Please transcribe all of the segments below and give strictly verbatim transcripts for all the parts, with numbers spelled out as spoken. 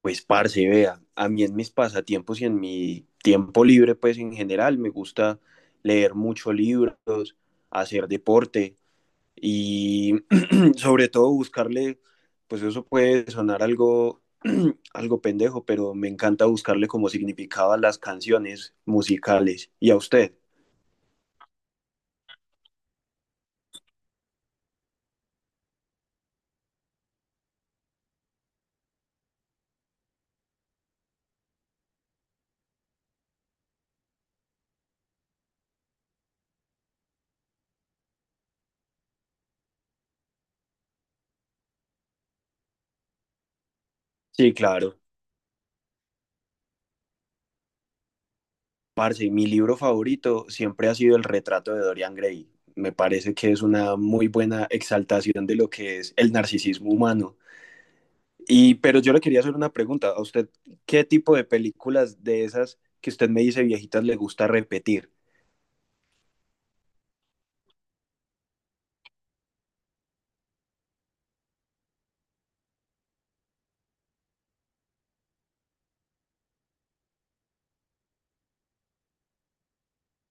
Pues parce, vea, a mí en mis pasatiempos y en mi tiempo libre, pues en general, me gusta leer muchos libros, hacer deporte y sobre todo buscarle, pues eso puede sonar algo, algo pendejo, pero me encanta buscarle como significado a las canciones musicales. ¿Y a usted? Sí, claro. Parce, mi libro favorito siempre ha sido El retrato de Dorian Gray. Me parece que es una muy buena exaltación de lo que es el narcisismo humano. Y, pero yo le quería hacer una pregunta a usted, ¿qué tipo de películas de esas que usted me dice viejitas le gusta repetir?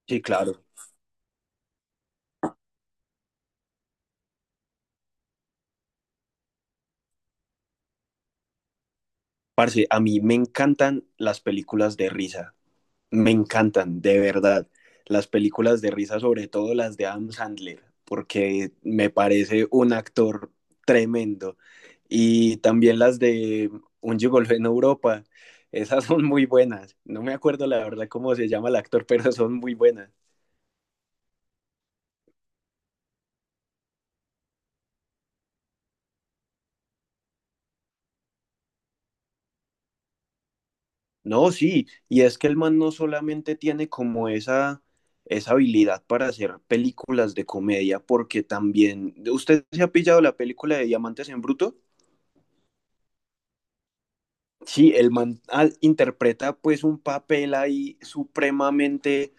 Sí, claro. Parce, a mí me encantan las películas de risa, me encantan, de verdad. Las películas de risa, sobre todo las de Adam Sandler, porque me parece un actor tremendo. Y también las de Un Gigolfo en Europa, esas son muy buenas. No me acuerdo la verdad cómo se llama el actor, pero son muy buenas. No, sí, y es que el man no solamente tiene como esa, esa habilidad para hacer películas de comedia, porque también, ¿usted se ha pillado la película de Diamantes en Bruto? Sí, el man al- interpreta pues un papel ahí supremamente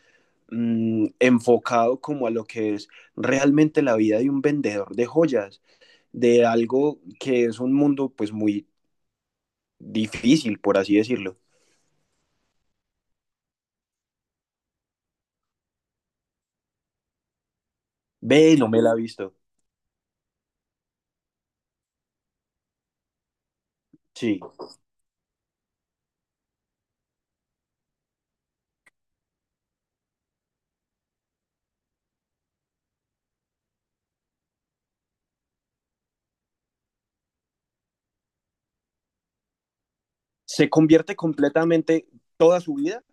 mm, enfocado como a lo que es realmente la vida de un vendedor de joyas, de algo que es un mundo pues muy difícil, por así decirlo. Ve, no me la ha visto. Sí. Se convierte completamente toda su vida.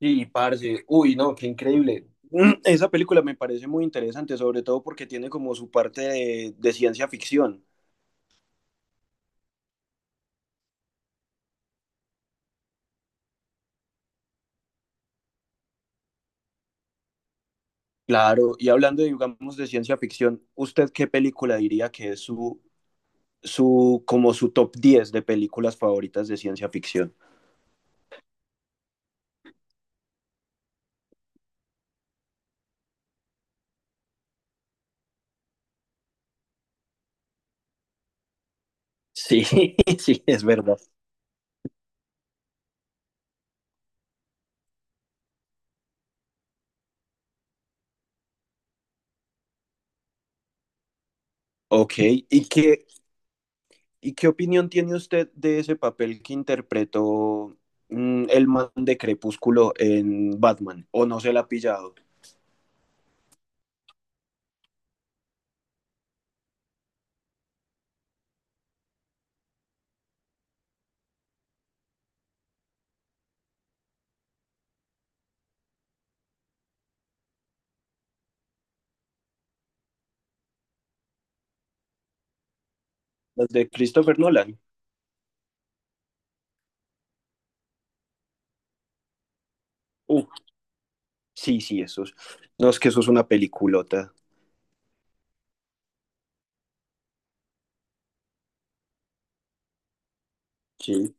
Sí, parce. Uy, no, qué increíble. Esa película me parece muy interesante, sobre todo porque tiene como su parte de, de ciencia ficción. Claro, y hablando, digamos, de ciencia ficción, ¿usted qué película diría que es su, su, como su top diez de películas favoritas de ciencia ficción? Sí, sí, es verdad. Ok, ¿y qué, ¿Y qué opinión tiene usted de ese papel que interpretó mm, el man de Crepúsculo en Batman? ¿O no se la ha pillado? Las de Christopher Nolan. Uh, sí, sí, esos. No, es que eso es una peliculota. Sí.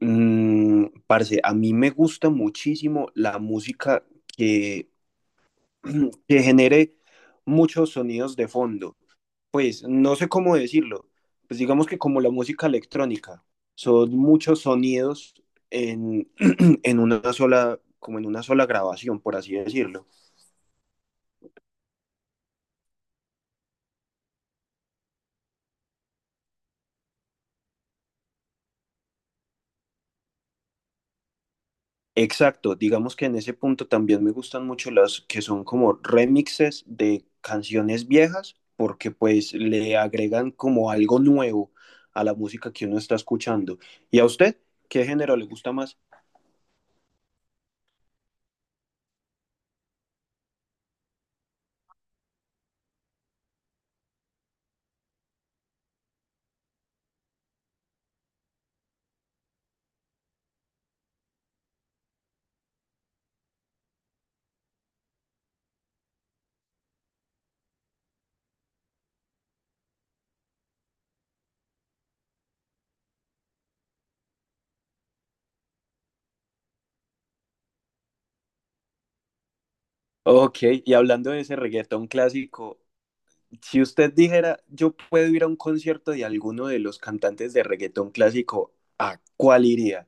Mm, parce, a mí me gusta muchísimo la música que, que genere muchos sonidos de fondo. Pues no sé cómo decirlo, pues digamos que como la música electrónica, son muchos sonidos en, en una sola, como en una sola grabación, por así decirlo. Exacto, digamos que en ese punto también me gustan mucho las que son como remixes de canciones viejas, porque pues le agregan como algo nuevo a la música que uno está escuchando. ¿Y a usted qué género le gusta más? Ok, y hablando de ese reggaetón clásico, si usted dijera, yo puedo ir a un concierto de alguno de los cantantes de reggaetón clásico, ¿a cuál iría?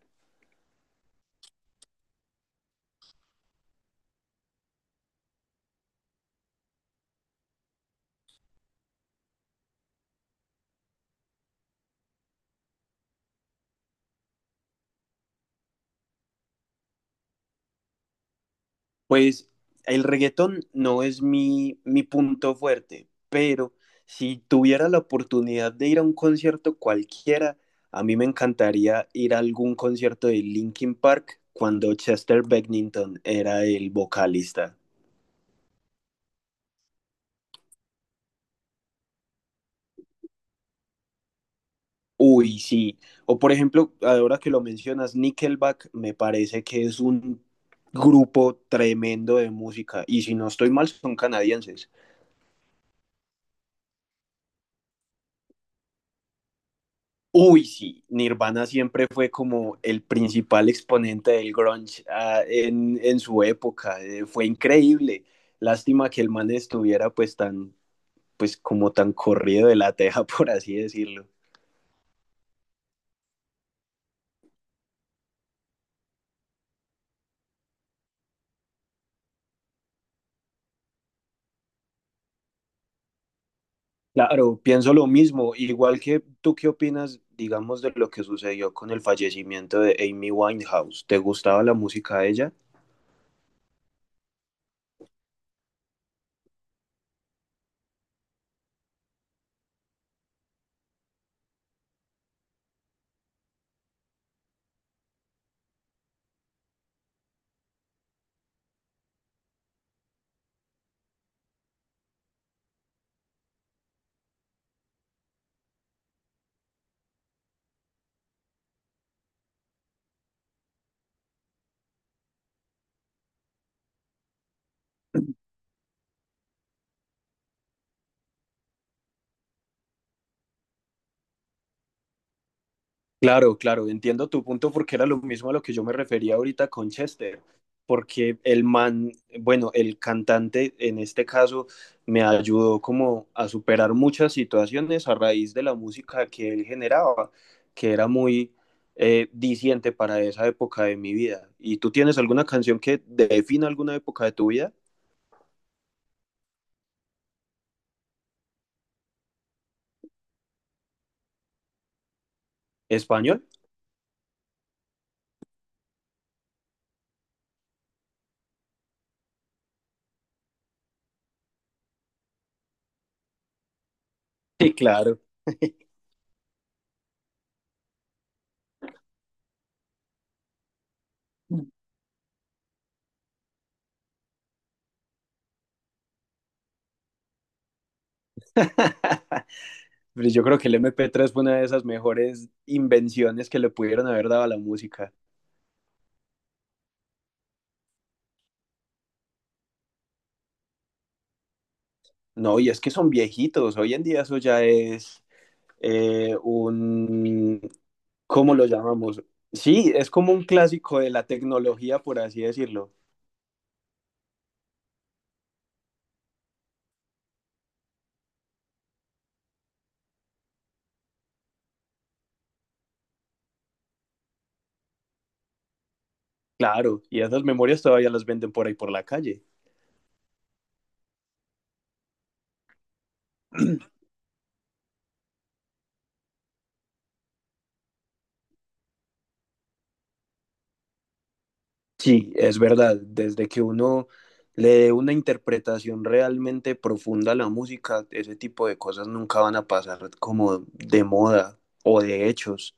Pues el reggaetón no es mi, mi punto fuerte, pero si tuviera la oportunidad de ir a un concierto cualquiera, a mí me encantaría ir a algún concierto de Linkin Park cuando Chester Bennington era el vocalista. Uy, sí. O por ejemplo, ahora que lo mencionas, Nickelback me parece que es un grupo tremendo de música. Y si no estoy mal, son canadienses. Uy, sí. Nirvana siempre fue como el principal exponente del grunge, ah, en, en su época. Eh, fue increíble. Lástima que el man estuviera pues tan, pues como tan corrido de la teja, por así decirlo. Claro, pienso lo mismo. Igual que tú, ¿qué opinas, digamos, de lo que sucedió con el fallecimiento de Amy Winehouse? ¿Te gustaba la música de ella? Claro, claro, entiendo tu punto porque era lo mismo a lo que yo me refería ahorita con Chester, porque el man, bueno, el cantante en este caso me ayudó como a superar muchas situaciones a raíz de la música que él generaba, que era muy eh, diciente para esa época de mi vida. ¿Y tú tienes alguna canción que defina alguna época de tu vida? ¿Español? Sí, claro. Pero yo creo que el M P tres fue una de esas mejores invenciones que le pudieron haber dado a la música. No, y es que son viejitos. Hoy en día eso ya es eh, un, ¿cómo lo llamamos? Sí, es como un clásico de la tecnología, por así decirlo. Claro, y esas memorias todavía las venden por ahí por la calle. Sí, es verdad. Desde que uno le dé una interpretación realmente profunda a la música, ese tipo de cosas nunca van a pasar como de moda o de hechos.